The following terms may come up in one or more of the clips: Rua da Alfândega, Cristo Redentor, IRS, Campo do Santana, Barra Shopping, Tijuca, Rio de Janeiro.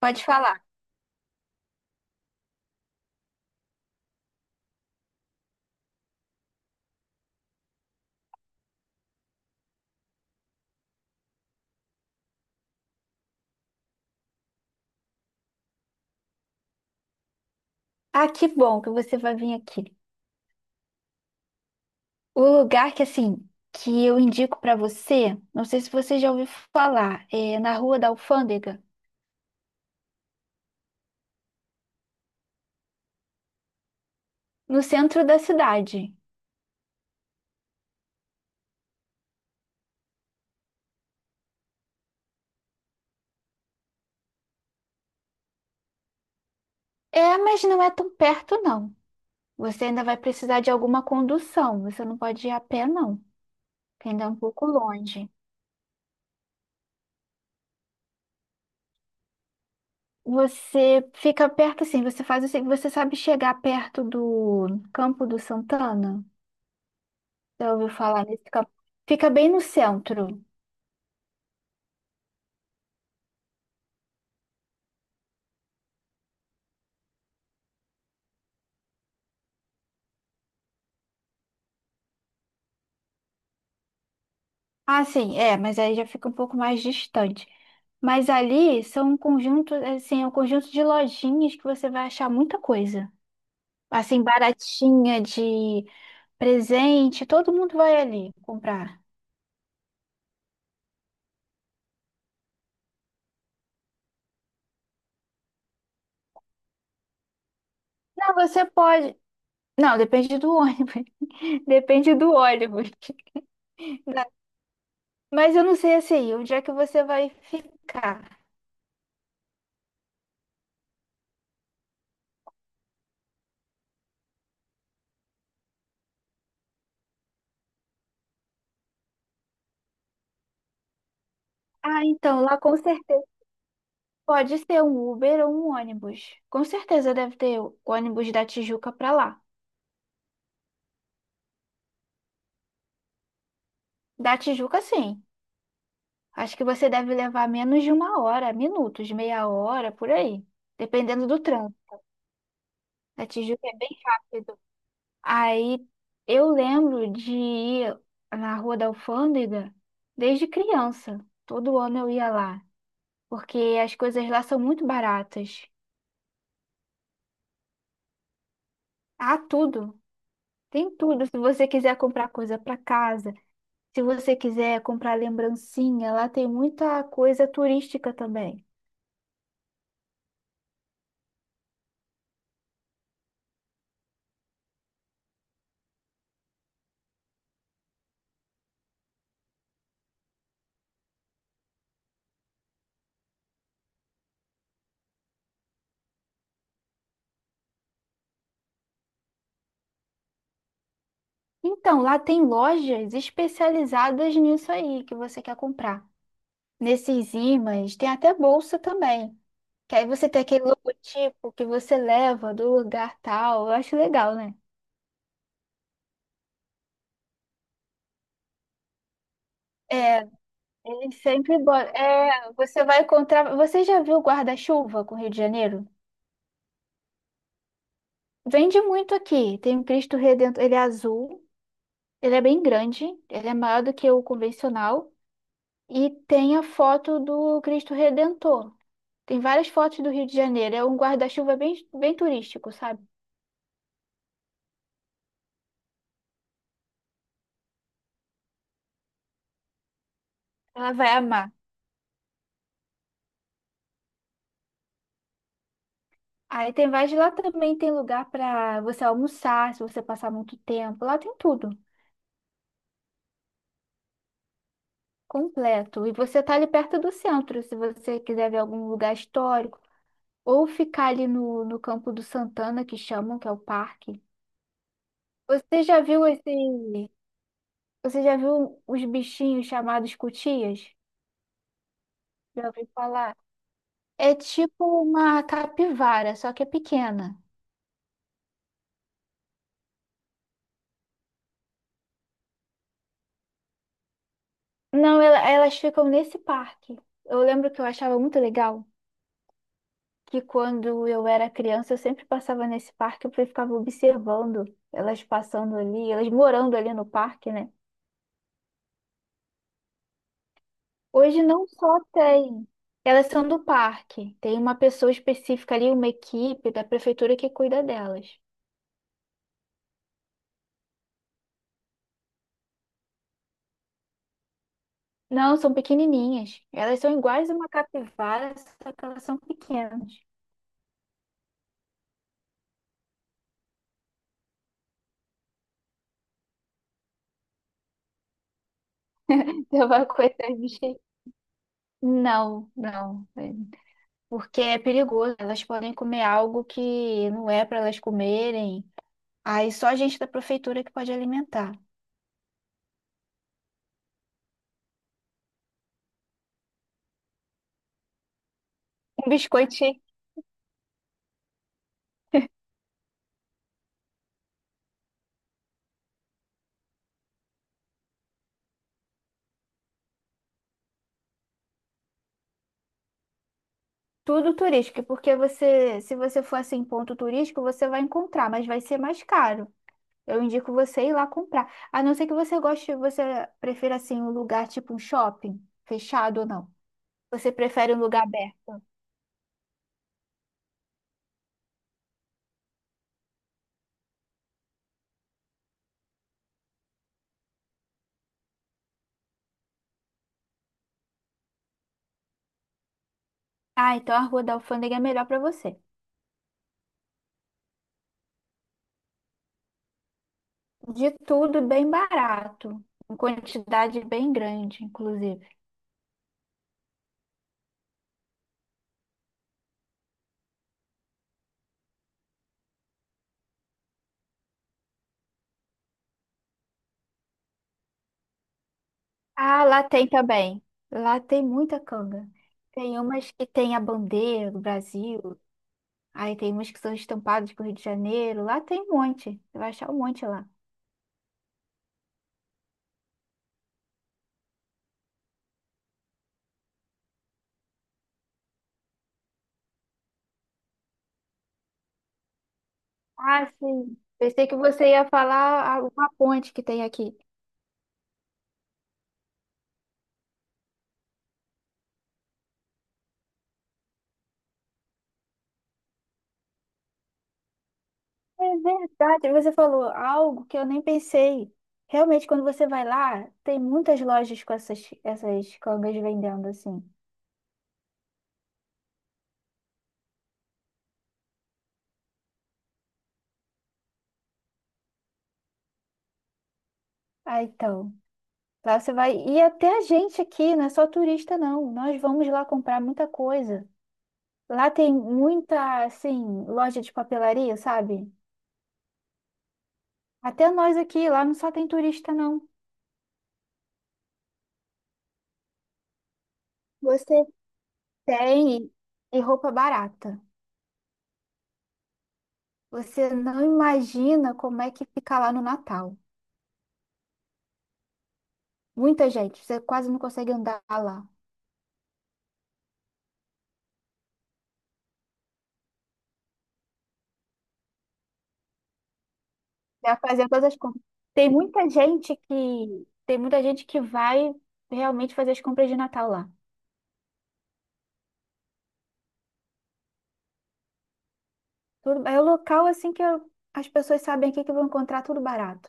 Pode falar. Ah, que bom que você vai vir aqui. O lugar que, assim, que eu indico pra você, não sei se você já ouviu falar, é na Rua da Alfândega, no centro da cidade. É, mas não é tão perto, não. Você ainda vai precisar de alguma condução. Você não pode ir a pé, não, que ainda é um pouco longe. Você fica perto, assim, você faz assim, você sabe chegar perto do Campo do Santana? Já ouviu falar nesse campo? Fica bem no centro. Ah, sim, é, mas aí já fica um pouco mais distante. Mas ali são um conjunto, assim, é um conjunto de lojinhas que você vai achar muita coisa. Assim, baratinha de presente, todo mundo vai ali comprar. Não, você pode. Não, depende do ônibus. Depende do ônibus. Mas eu não sei assim, onde é que você vai ficar? Ah, então, lá com certeza pode ser um Uber ou um ônibus. Com certeza deve ter ônibus da Tijuca para lá. Da Tijuca, sim. Acho que você deve levar menos de uma hora, minutos, meia hora, por aí, dependendo do trânsito. A Tijuca é bem rápido. Aí eu lembro de ir na Rua da Alfândega desde criança. Todo ano eu ia lá, porque as coisas lá são muito baratas. Há tudo, tem tudo. Se você quiser comprar coisa para casa, se você quiser comprar lembrancinha, lá tem muita coisa turística também. Então, lá tem lojas especializadas nisso aí que você quer comprar. Nesses ímãs, tem até bolsa também. Que aí você tem aquele logotipo que você leva do lugar tal. Eu acho legal, né? É, eles sempre botam. É, você vai encontrar. Você já viu o guarda-chuva com o Rio de Janeiro? Vende muito aqui. Tem o Cristo Redentor. Ele é azul, ele é bem grande, ele é maior do que o convencional. E tem a foto do Cristo Redentor. Tem várias fotos do Rio de Janeiro. É um guarda-chuva bem, bem turístico, sabe? Ela vai amar. Aí tem vários. Lá também tem lugar pra você almoçar, se você passar muito tempo. Lá tem tudo, completo. E você tá ali perto do centro, se você quiser ver algum lugar histórico. Ou ficar ali no Campo do Santana, que chamam, que é o parque. Você já viu esse. Você já viu os bichinhos chamados cutias? Já ouviu falar? É tipo uma capivara, só que é pequena. Não, elas ficam nesse parque. Eu lembro que eu achava muito legal que quando eu era criança eu sempre passava nesse parque porque eu ficava observando elas passando ali, elas morando ali no parque, né? Hoje não só tem, elas são do parque. Tem uma pessoa específica ali, uma equipe da prefeitura que cuida delas. Não, são pequenininhas. Elas são iguais a uma capivara, só que elas são pequenas. Então vai coitar de bicho. Não, não, porque é perigoso. Elas podem comer algo que não é para elas comerem. Aí só a gente da prefeitura que pode alimentar. Um biscoitinho, tudo turístico, porque você, se você for assim em ponto turístico, você vai encontrar, mas vai ser mais caro. Eu indico você ir lá comprar. A não ser que você goste, você prefira assim um lugar tipo um shopping, fechado ou não. Você prefere um lugar aberto? Ah, então a Rua da Alfândega é melhor para você. De tudo bem barato, em quantidade bem grande, inclusive. Ah, lá tem também. Lá tem muita canga. Tem umas que tem a bandeira do Brasil. Aí tem umas que são estampadas com o Rio de Janeiro. Lá tem um monte. Você vai achar um monte lá. Ah, sim. Pensei que você ia falar uma ponte que tem aqui. É verdade, você falou algo que eu nem pensei. Realmente, quando você vai lá, tem muitas lojas com essas cangas vendendo assim. Ah, então. Lá você vai. E até a gente aqui, não é só turista, não. Nós vamos lá comprar muita coisa. Lá tem muita, assim, loja de papelaria, sabe? Até nós aqui, lá não só tem turista, não. Você tem e roupa barata. Você não imagina como é que fica lá no Natal. Muita gente, você quase não consegue andar lá. Vai fazer todas as compras. Tem muita gente que vai realmente fazer as compras de Natal lá. Tudo, é o local assim as pessoas sabem aqui que vão encontrar tudo barato.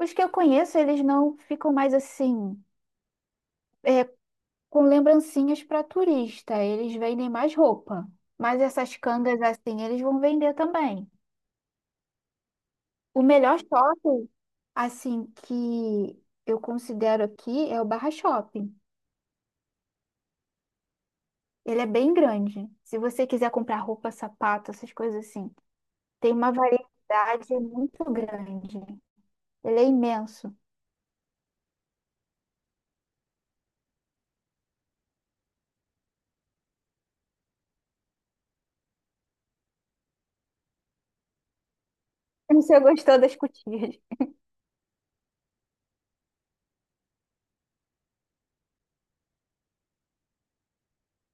Os que eu conheço, eles não ficam mais assim com lembrancinhas para turista. Eles vendem mais roupa, mas essas cangas assim eles vão vender também. O melhor shopping, assim, que eu considero aqui é o Barra Shopping. Ele é bem grande. Se você quiser comprar roupa, sapato, essas coisas assim, tem uma variedade muito grande. Ele é imenso. Você gostou das cotinhas?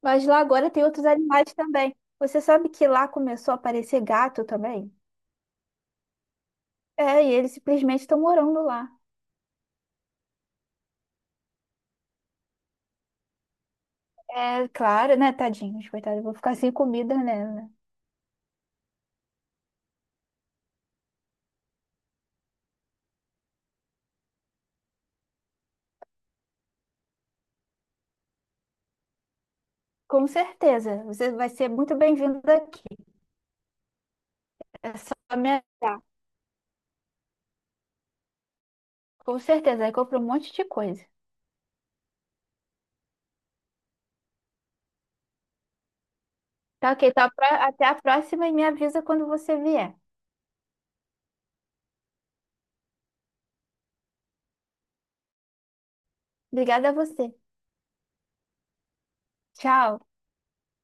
Mas lá agora tem outros animais também. Você sabe que lá começou a aparecer gato também? É, e eles simplesmente estão morando lá. É claro, né, Tadinho? Coitado, eu vou ficar sem comida, né? Né. Com certeza, você vai ser muito bem-vindo aqui. Pra me ajudar. Com certeza, aí compra um monte de coisa. Tá ok, tá, até a próxima e me avisa quando você vier. Obrigada a você. Tchau.